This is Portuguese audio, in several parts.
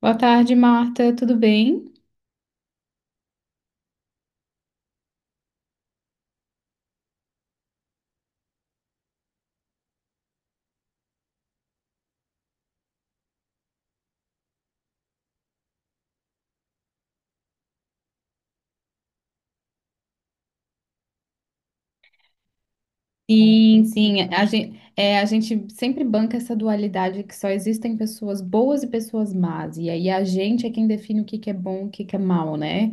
Boa tarde, Marta. Tudo bem? Sim, sim. A gente sempre banca essa dualidade que só existem pessoas boas e pessoas más. E aí a gente é quem define o que que é bom e o que que é mal, né?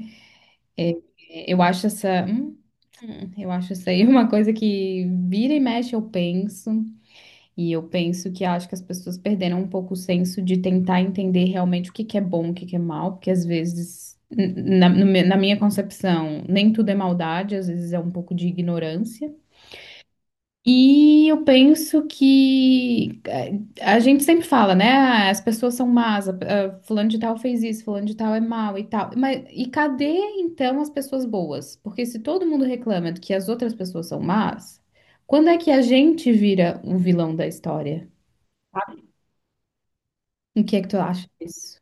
Eu acho essa, eu acho isso aí uma coisa que vira e mexe eu penso. E eu penso que acho que as pessoas perderam um pouco o senso de tentar entender realmente o que que é bom, o que que é mal, porque às vezes, n- na, no me- na minha concepção, nem tudo é maldade, às vezes é um pouco de ignorância. E eu penso que a gente sempre fala, né? "Ah, as pessoas são más, fulano de tal fez isso, fulano de tal é mal e tal." Mas e cadê então as pessoas boas? Porque se todo mundo reclama de que as outras pessoas são más, quando é que a gente vira o vilão da história? O que é que tu acha disso?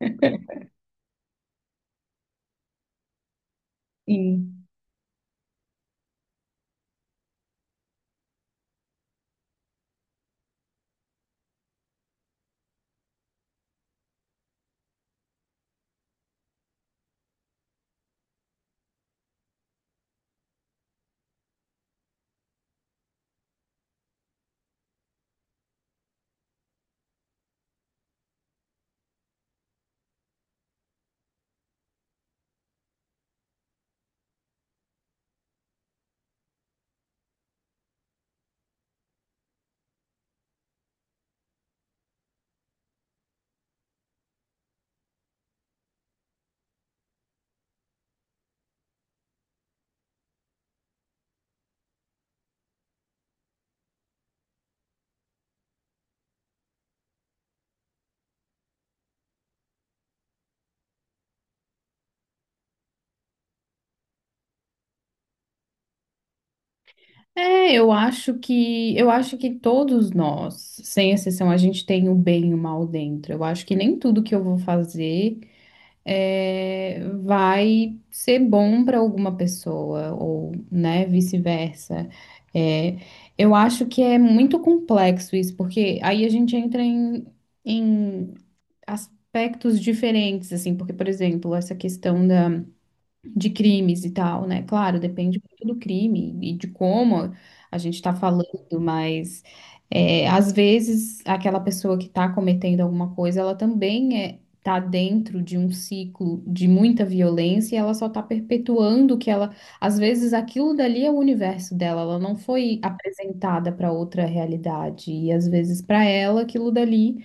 Sim. É, eu acho que todos nós, sem exceção, a gente tem o bem e o mal dentro. Eu acho que nem tudo que eu vou fazer vai ser bom para alguma pessoa ou, né, vice-versa. É, eu acho que é muito complexo isso, porque aí a gente entra em aspectos diferentes, assim, porque, por exemplo, essa questão da de crimes e tal, né? Claro, depende muito do crime e de como a gente está falando, mas é, às vezes aquela pessoa que está cometendo alguma coisa, ela também tá dentro de um ciclo de muita violência e ela só está perpetuando que ela, às vezes aquilo dali é o universo dela, ela não foi apresentada para outra realidade e às vezes para ela aquilo dali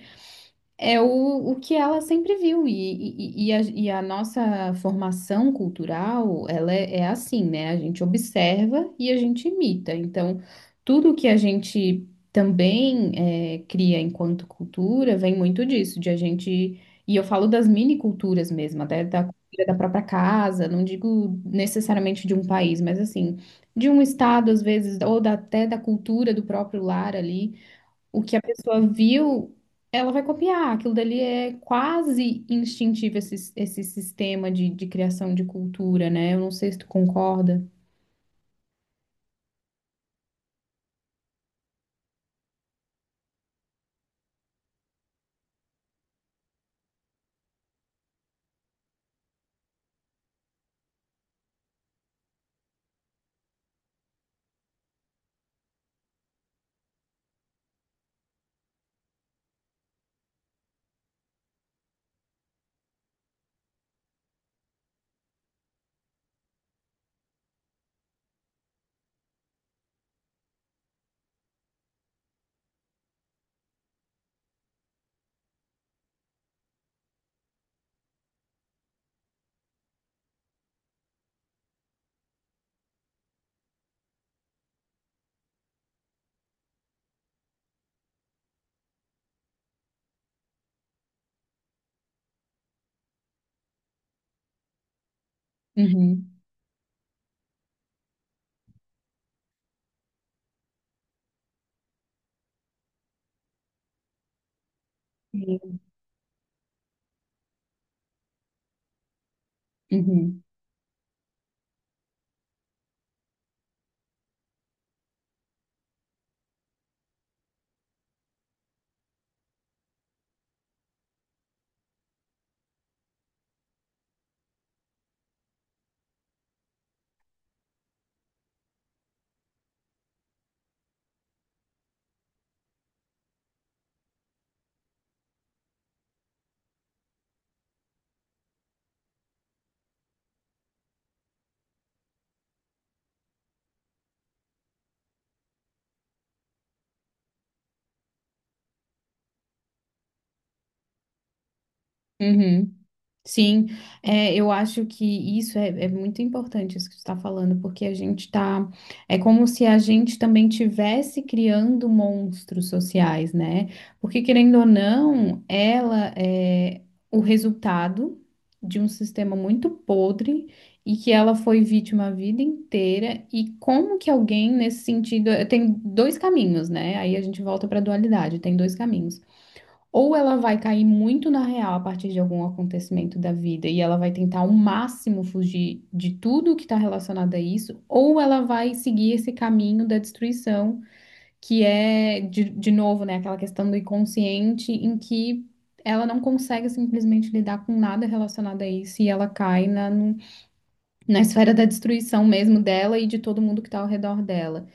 é o que ela sempre viu, e a nossa formação cultural, ela é assim, né? A gente observa e a gente imita. Então, tudo que a gente também cria enquanto cultura vem muito disso, de a gente. E eu falo das mini culturas mesmo, até da cultura da própria casa, não digo necessariamente de um país, mas assim, de um estado, às vezes, ou até da cultura do próprio lar ali o que a pessoa viu, ela vai copiar. Aquilo dali é quase instintivo, esse sistema de criação de cultura, né? Eu não sei se tu concorda. Uhum. Sim. Uhum. Uhum. Sim, é, eu acho que isso é muito importante, isso que você está falando, porque a gente está. É como se a gente também tivesse criando monstros sociais, né? Porque, querendo ou não, ela é o resultado de um sistema muito podre e que ela foi vítima a vida inteira. E como que alguém, nesse sentido, tem dois caminhos, né? Aí a gente volta para a dualidade, tem dois caminhos. Ou ela vai cair muito na real a partir de algum acontecimento da vida e ela vai tentar ao máximo fugir de tudo que está relacionado a isso, ou ela vai seguir esse caminho da destruição, que é, de novo, né, aquela questão do inconsciente em que ela não consegue simplesmente lidar com nada relacionado a isso e ela cai na, no- na esfera da destruição mesmo dela e de todo mundo que está ao redor dela.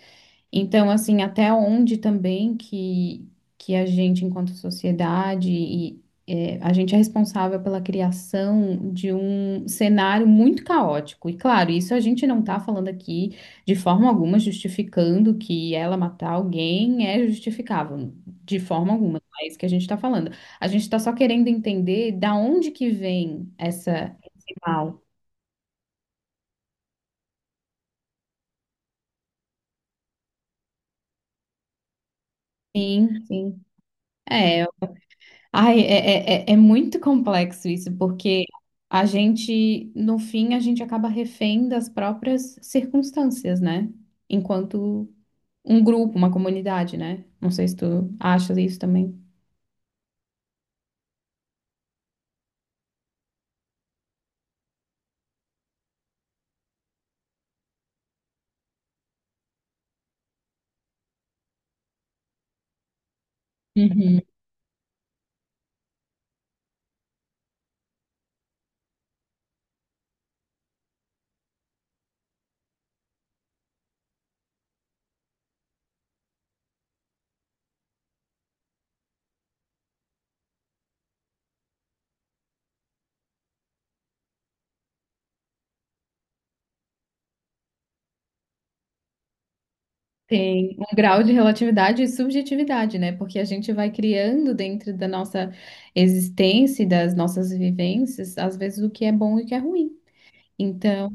Então, assim, até onde também que a gente, enquanto sociedade, a gente é responsável pela criação de um cenário muito caótico. E, claro, isso a gente não está falando aqui de forma alguma justificando que ela matar alguém é justificável, de forma alguma. Não é isso que a gente está falando. A gente está só querendo entender da onde que vem essa, esse mal. Sim, sim. É, ai, é muito complexo isso, porque a gente, no fim, a gente acaba refém das próprias circunstâncias, né? Enquanto um grupo, uma comunidade, né? Não sei se tu achas isso também. Uhum. Tem um grau de relatividade e subjetividade, né? Porque a gente vai criando dentro da nossa existência e das nossas vivências, às vezes, o que é bom e o que é ruim. Então,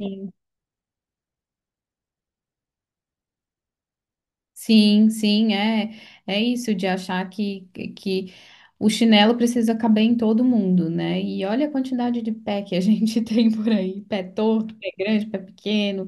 sim, sim, é, é isso de achar que o chinelo precisa caber em todo mundo, né? E olha a quantidade de pé que a gente tem por aí, pé torto, pé grande, pé pequeno.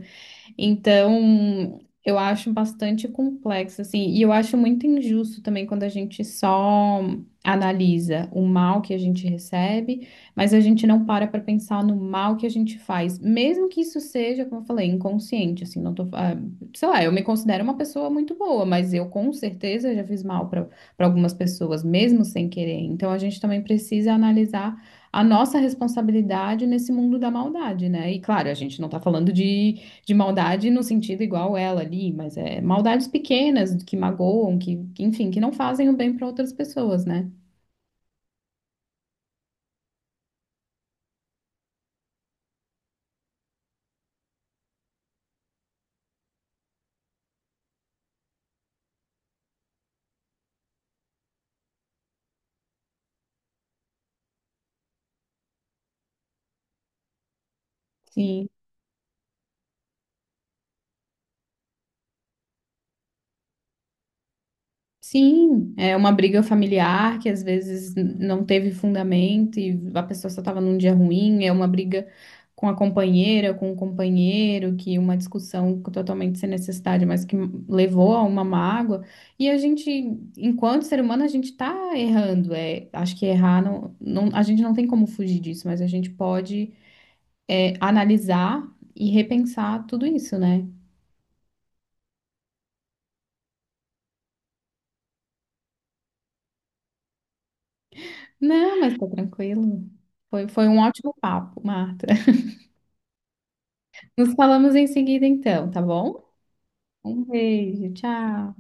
Então, eu acho bastante complexo, assim, e eu acho muito injusto também quando a gente só analisa o mal que a gente recebe, mas a gente não para para pensar no mal que a gente faz, mesmo que isso seja, como eu falei, inconsciente, assim, não tô, ah, sei lá, eu me considero uma pessoa muito boa, mas eu com certeza já fiz mal para algumas pessoas, mesmo sem querer. Então, a gente também precisa analisar a nossa responsabilidade nesse mundo da maldade, né? E claro, a gente não tá falando de maldade no sentido igual ela ali, mas é maldades pequenas que magoam, enfim, que não fazem o bem para outras pessoas, né? Sim. Sim, é uma briga familiar que às vezes não teve fundamento e a pessoa só estava num dia ruim, é uma briga com a companheira, com o companheiro, que uma discussão totalmente sem necessidade, mas que levou a uma mágoa. E a gente, enquanto ser humano, a gente está errando. É, acho que errar a gente não tem como fugir disso, mas a gente pode analisar e repensar tudo isso, né? Não, mas tá tranquilo. Foi um ótimo papo, Marta. Nos falamos em seguida, então, tá bom? Um beijo, tchau.